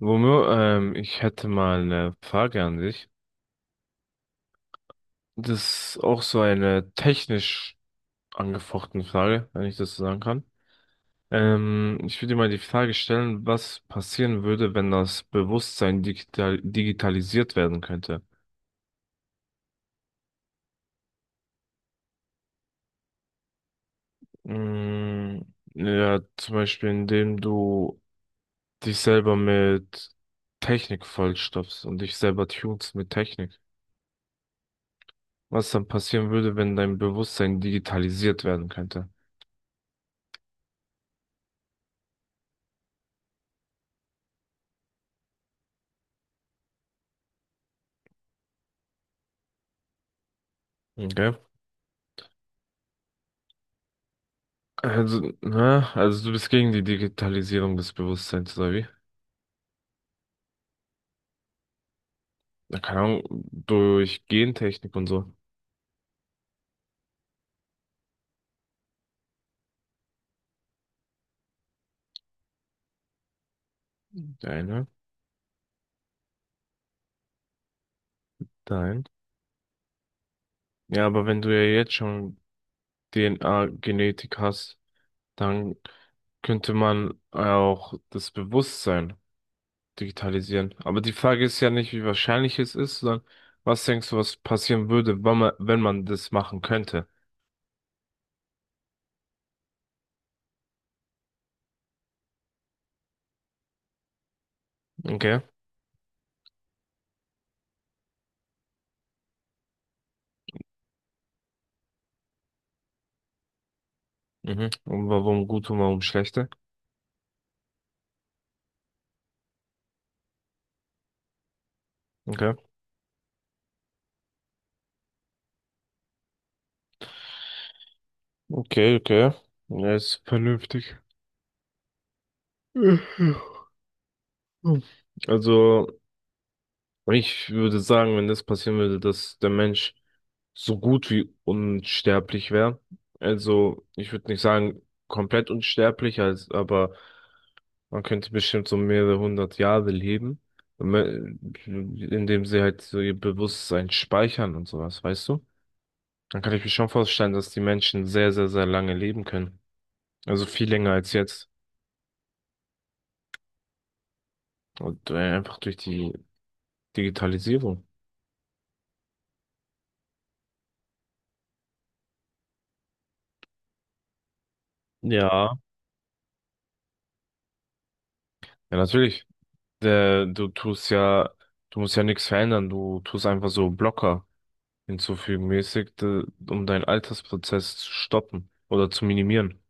Romeo, ich hätte mal eine Frage an dich. Das ist auch so eine technisch angefochtene Frage, wenn ich das so sagen kann. Ich würde dir mal die Frage stellen, was passieren würde, wenn das Bewusstsein digitalisiert werden könnte? Mm, ja, zum Beispiel, indem du dich selber mit Technik vollstopfst und dich selber tunst mit Technik. Was dann passieren würde, wenn dein Bewusstsein digitalisiert werden könnte? Okay. Also, ne, also du bist gegen die Digitalisierung des Bewusstseins, oder wie? Na, keine Ahnung, durch Gentechnik und so. Deine, dein. Ja, aber wenn du ja jetzt schon DNA-Genetik hast, dann könnte man auch das Bewusstsein digitalisieren. Aber die Frage ist ja nicht, wie wahrscheinlich es ist, sondern was denkst du, was passieren würde, wenn man das machen könnte? Okay. Mhm. Und warum gut und warum schlechte? Okay. Okay, okay. Ja, ist vernünftig. Also, ich würde sagen, wenn das passieren würde, dass der Mensch so gut wie unsterblich wäre. Also, ich würde nicht sagen komplett unsterblich, als, aber man könnte bestimmt so mehrere hundert Jahre leben, me- indem sie halt so ihr Bewusstsein speichern und sowas, weißt du? Dann kann ich mir schon vorstellen, dass die Menschen sehr, sehr, sehr lange leben können. Also viel länger als jetzt. Und einfach durch die Digitalisierung. Ja. Ja, natürlich. Der, du tust ja, Du musst ja nichts verändern. Du tust einfach so Blocker hinzufügen, mäßig, um deinen Altersprozess zu stoppen oder zu minimieren.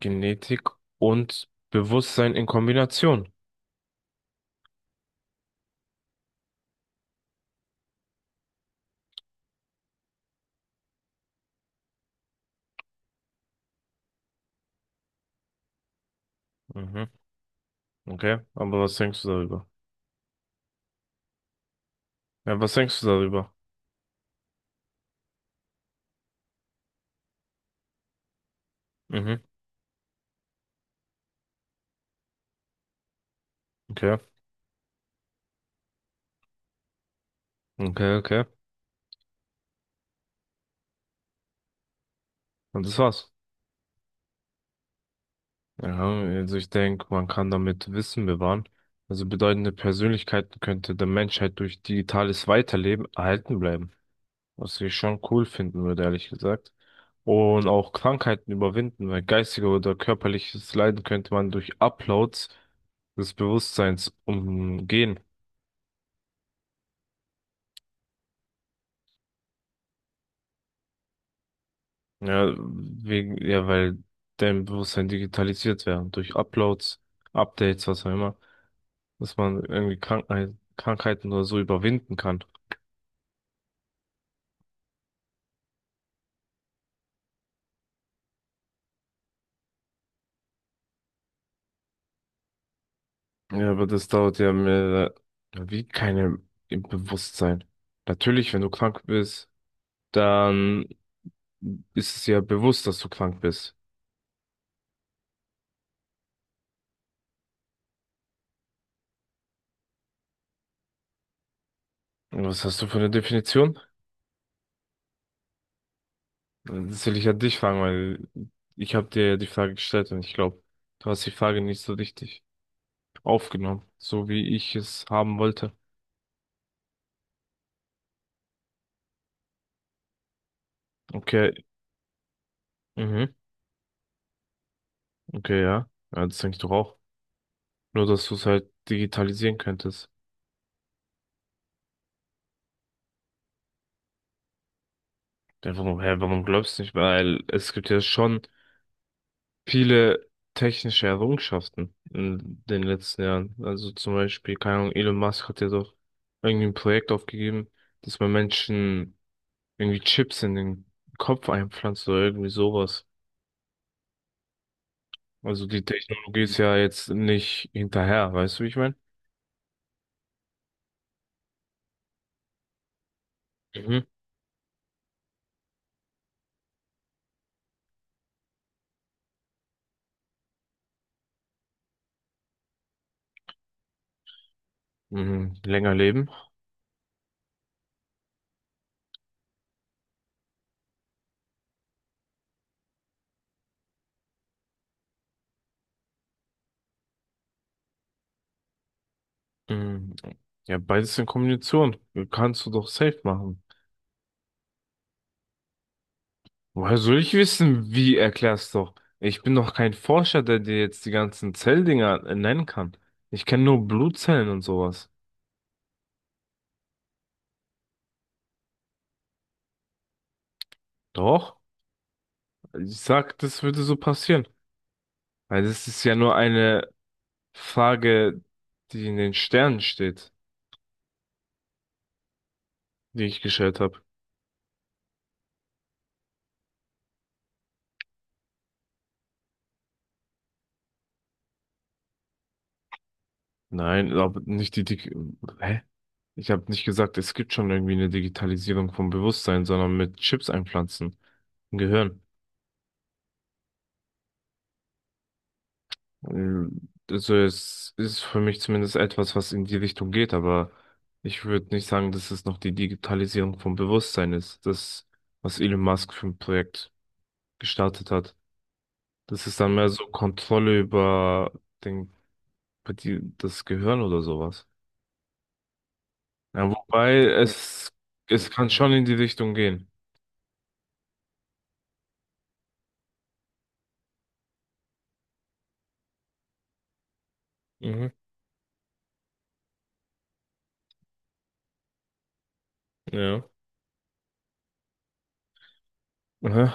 Genetik und Bewusstsein in Kombination. Mhm. Okay. Aber was denkst du darüber? Ja, was denkst du darüber? Mhm. Okay. Okay, okay. Und das war's. Ja, also ich denke, man kann damit Wissen bewahren. Also bedeutende Persönlichkeiten könnte der Menschheit durch digitales Weiterleben erhalten bleiben. Was ich schon cool finden würde, ehrlich gesagt. Und auch Krankheiten überwinden, weil geistiger oder körperliches Leiden könnte man durch Uploads des Bewusstseins umgehen. Ja, weil dein Bewusstsein digitalisiert wäre. Durch Uploads, Updates, was auch immer, dass man irgendwie Krankheiten oder so überwinden kann. Ja, aber das dauert ja mehr, wie keine im Bewusstsein. Natürlich, wenn du krank bist, dann ist es ja bewusst, dass du krank bist. Und was hast du für eine Definition? Das will ich an dich fragen, weil ich habe dir ja die Frage gestellt und ich glaube, du hast die Frage nicht so richtig aufgenommen, so wie ich es haben wollte. Okay, mhm, okay, ja. Ja, das denke ich doch auch. Nur, dass du es halt digitalisieren könntest. Einfach nur, hä, warum glaubst du nicht? Weil es gibt ja schon viele technische Errungenschaften in den letzten Jahren. Also zum Beispiel, keine Ahnung, Elon Musk hat ja doch irgendwie ein Projekt aufgegeben, dass man Menschen irgendwie Chips in den Kopf einpflanzt oder irgendwie sowas. Also die Technologie ist ja jetzt nicht hinterher, weißt du, wie ich meine? Mhm. Mhm. Länger leben. Mhm. Ja, beides in Kombination. Kannst du doch safe machen. Woher soll ich wissen, wie erklärst doch? Ich bin doch kein Forscher, der dir jetzt die ganzen Zelldinger nennen kann. Ich kenne nur Blutzellen und sowas. Doch, ich sag, das würde so passieren. Weil das ist ja nur eine Frage, die in den Sternen steht, die ich gestellt habe. Nein, aber nicht die Dig Hä? Ich habe nicht gesagt, es gibt schon irgendwie eine Digitalisierung vom Bewusstsein, sondern mit Chips einpflanzen im Gehirn. Also es ist für mich zumindest etwas, was in die Richtung geht, aber ich würde nicht sagen, dass es noch die Digitalisierung vom Bewusstsein ist, das, was Elon Musk für ein Projekt gestartet hat. Das ist dann mehr so Kontrolle über den, über die, das Gehirn oder sowas. Ja, wobei, ja, es kann schon in die Richtung gehen. Mhm. Ja. Mhm.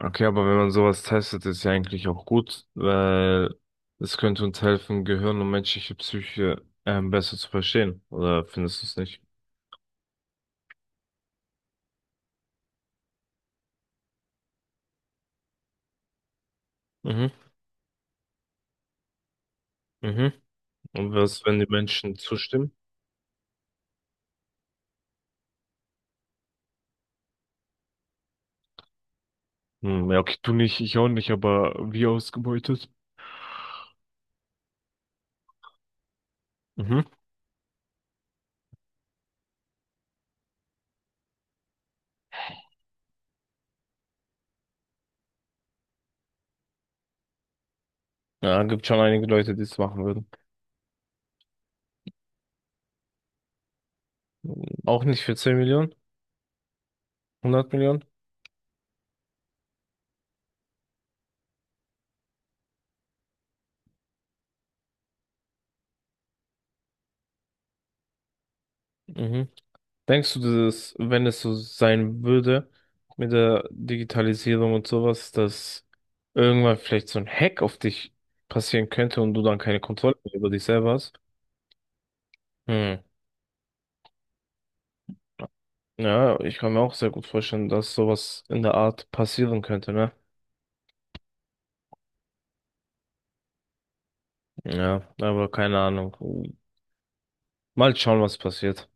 Okay, aber wenn man sowas testet, ist ja eigentlich auch gut, weil es könnte uns helfen, Gehirn und menschliche Psyche besser zu verstehen. Oder findest du es nicht? Mhm, mhm. Und was, wenn die Menschen zustimmen? Hm, ja, okay, du nicht, ich auch nicht, aber wie ausgebeutet? Mhm. Ja, gibt schon einige Leute, die es machen würden. Auch nicht für 10 Millionen, 100 Millionen. Mhm. Denkst du, dass, es- wenn es so sein würde mit der Digitalisierung und sowas, dass irgendwann vielleicht so ein Hack auf dich passieren könnte und du dann keine Kontrolle mehr über dich selber hast? Hm. Ja, ich kann mir auch sehr gut vorstellen, dass sowas in der Art passieren könnte, ne? Ja, aber keine Ahnung. Mal schauen, was passiert.